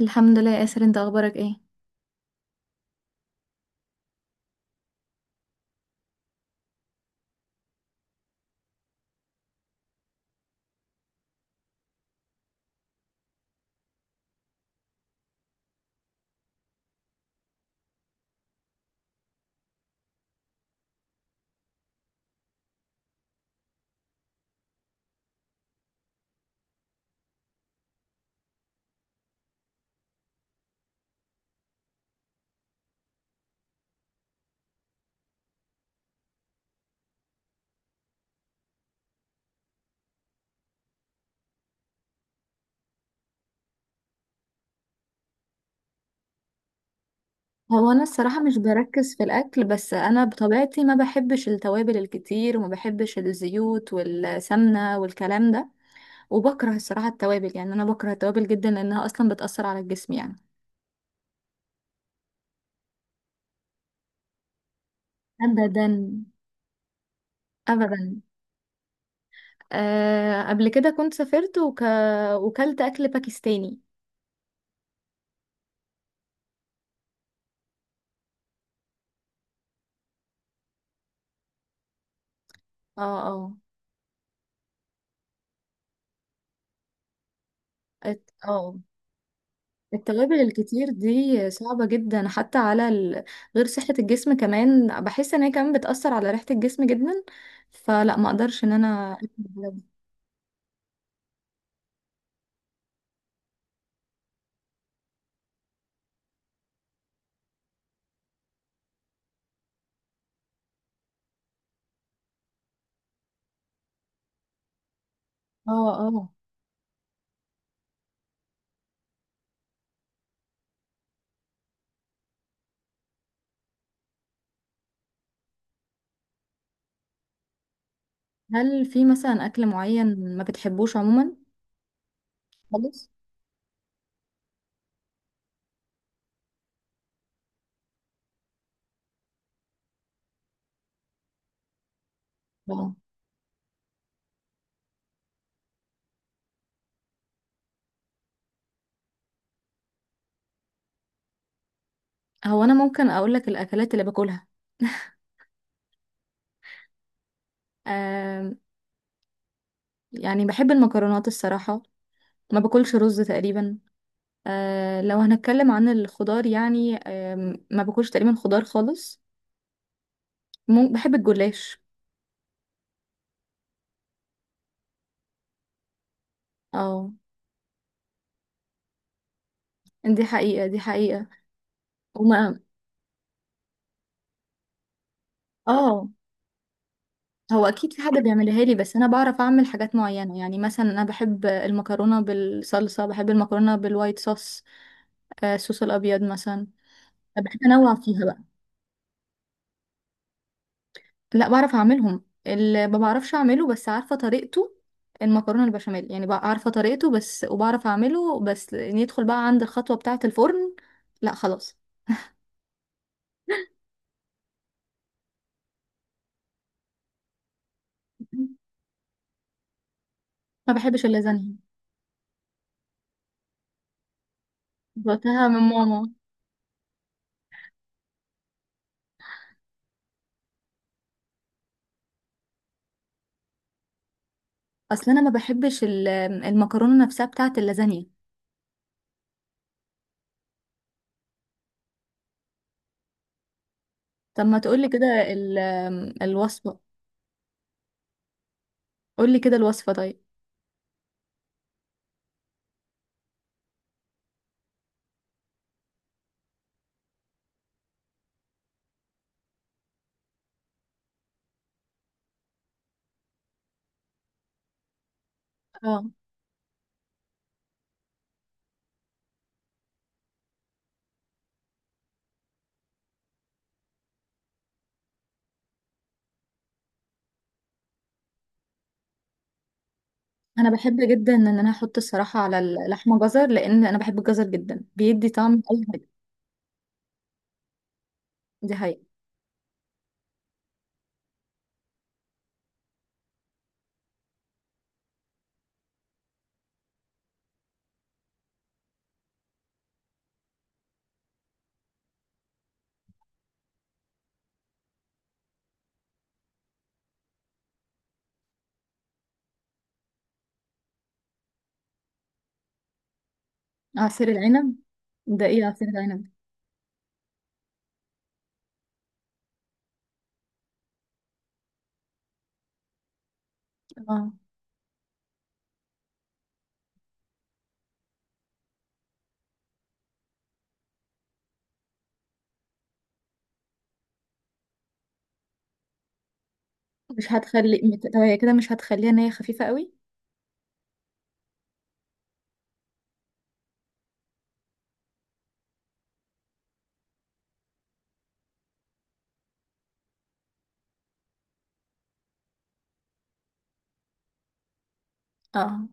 الحمد لله يا ياسر، انت اخبارك ايه؟ هو انا الصراحه مش بركز في الاكل، بس انا بطبيعتي ما بحبش التوابل الكتير وما بحبش الزيوت والسمنه والكلام ده. وبكره الصراحه التوابل، يعني انا بكره التوابل جدا لانها اصلا بتاثر على الجسم يعني. ابدا. ابدا. أه، قبل كده كنت سافرت وكلت اكل باكستاني. اه اه. اه، التوابل الكتير دي صعبة جدا حتى على غير صحة الجسم، كمان بحس ان هي كمان بتأثر على ريحة الجسم جدا. فلا ما اقدرش ان انا اكل الحاجات دي. اه اه. هل في مثلا اكل معين ما بتحبوش عموما؟ خالص. اه. هو انا ممكن اقول لك الاكلات اللي باكلها. آه. يعني بحب المكرونات الصراحة. ما باكلش رز تقريبا. آه، لو هنتكلم عن الخضار، يعني آه، ما باكلش تقريبا خضار خالص. بحب الجلاش. اه، دي حقيقة دي حقيقة. وما اه، هو اكيد في حد بيعملها لي، بس انا بعرف اعمل حاجات معينة. يعني مثلا انا بحب المكرونة بالصلصة، بحب المكرونة بالوايت صوص. آه، الصوص الابيض مثلا. بحب انوع فيها بقى. لا بعرف اعملهم. اللي ما بعرفش اعمله بس عارفة طريقته المكرونة البشاميل. يعني بقى عارفة طريقته بس، وبعرف اعمله بس ندخل بقى عند الخطوة بتاعة الفرن. لا خلاص، ما بحبش اللازانيا. دقتها من ماما. اصل انا ما بحبش المكرونة نفسها بتاعة اللازانيا. طب ما تقولي كده ال- الوصفة. قولي كده الوصفة طيب. اه. انا بحب جدا ان انا احط الصراحة على اللحمة جزر، لان انا بحب الجزر جدا، بيدي طعم اي حاجة. دي حقيقة. عصير العنب؟ ده ايه عصير العنب؟ اه، مش هتخلي طب هي كده مش هتخليها ان هي خفيفة قوي؟ اه،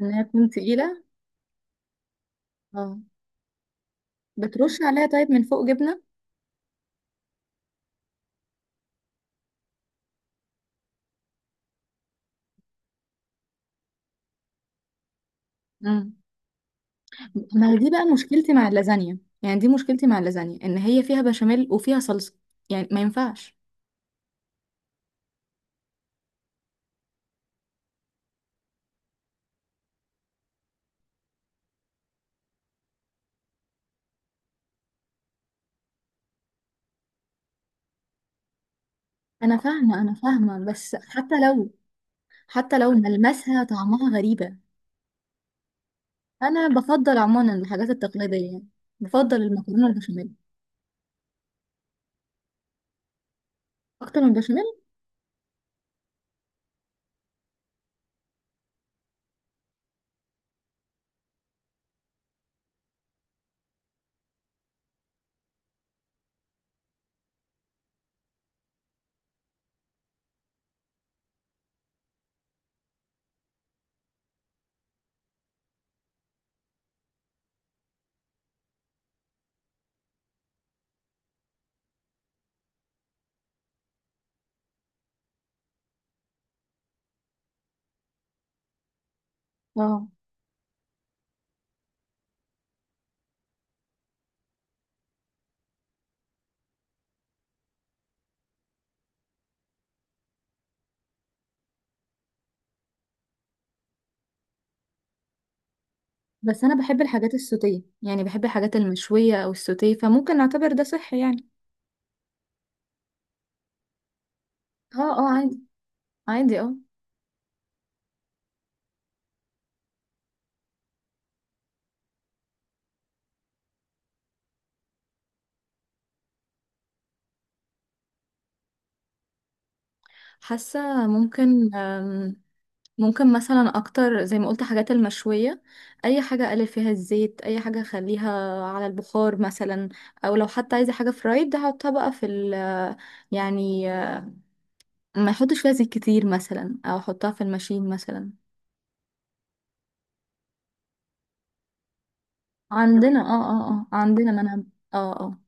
ان هي تكون تقيلة. اه، بترش عليها طيب من فوق جبنة؟ امم، ما هي دي بقى مشكلتي مع اللازانيا، يعني دي مشكلتي مع اللازانيا ان هي فيها بشاميل وفيها صلصة. يعني ما ينفعش. انا فاهمه انا فاهمه، بس حتى لو ملمسها طعمها غريبه. انا بفضل عموما الحاجات التقليديه، يعني بفضل المكرونه البشاميل اكتر من البشاميل. اه، بس انا بحب الحاجات السوتيه، يعني بحب الحاجات المشويه او السوتيه، فممكن نعتبر ده صحي يعني. اه اه عادي. عادي اه. حاسه ممكن. ممكن مثلا اكتر زي ما قلت حاجات المشوية. اي حاجة اقلل فيها الزيت، اي حاجة اخليها على البخار مثلا، او لو حتى عايزة حاجة فرايد احطها بقى في يعني ما يحطش فيها زيت كتير مثلا، او احطها في الماشين مثلا. عندنا. اه عندنا منهج. اه اه.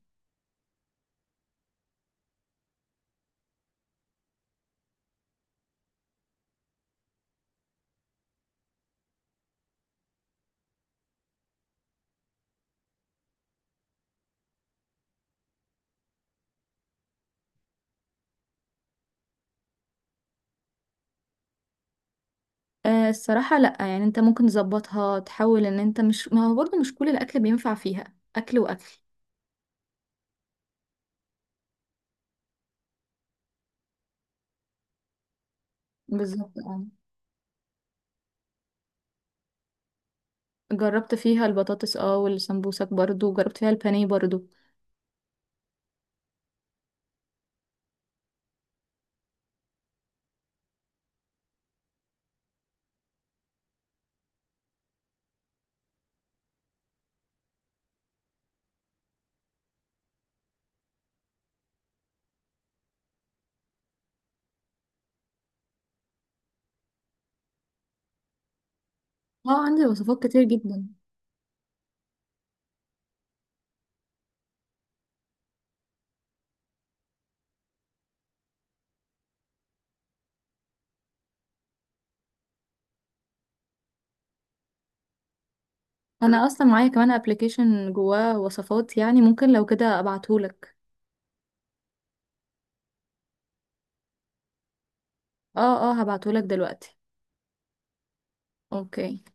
آه، الصراحة لأ. يعني انت ممكن تظبطها، تحاول ان انت مش، ما هو برضه مش كل الأكل بينفع فيها أكل وأكل. بالظبط اه. جربت فيها البطاطس اه، والسمبوسك برضه، جربت فيها البانيه برضه. اه، عندي وصفات كتير جدا. انا اصلا معايا كمان ابلكيشن جواه وصفات، يعني ممكن لو كده ابعتهولك. اه اه، هبعتهولك دلوقتي. اوكي.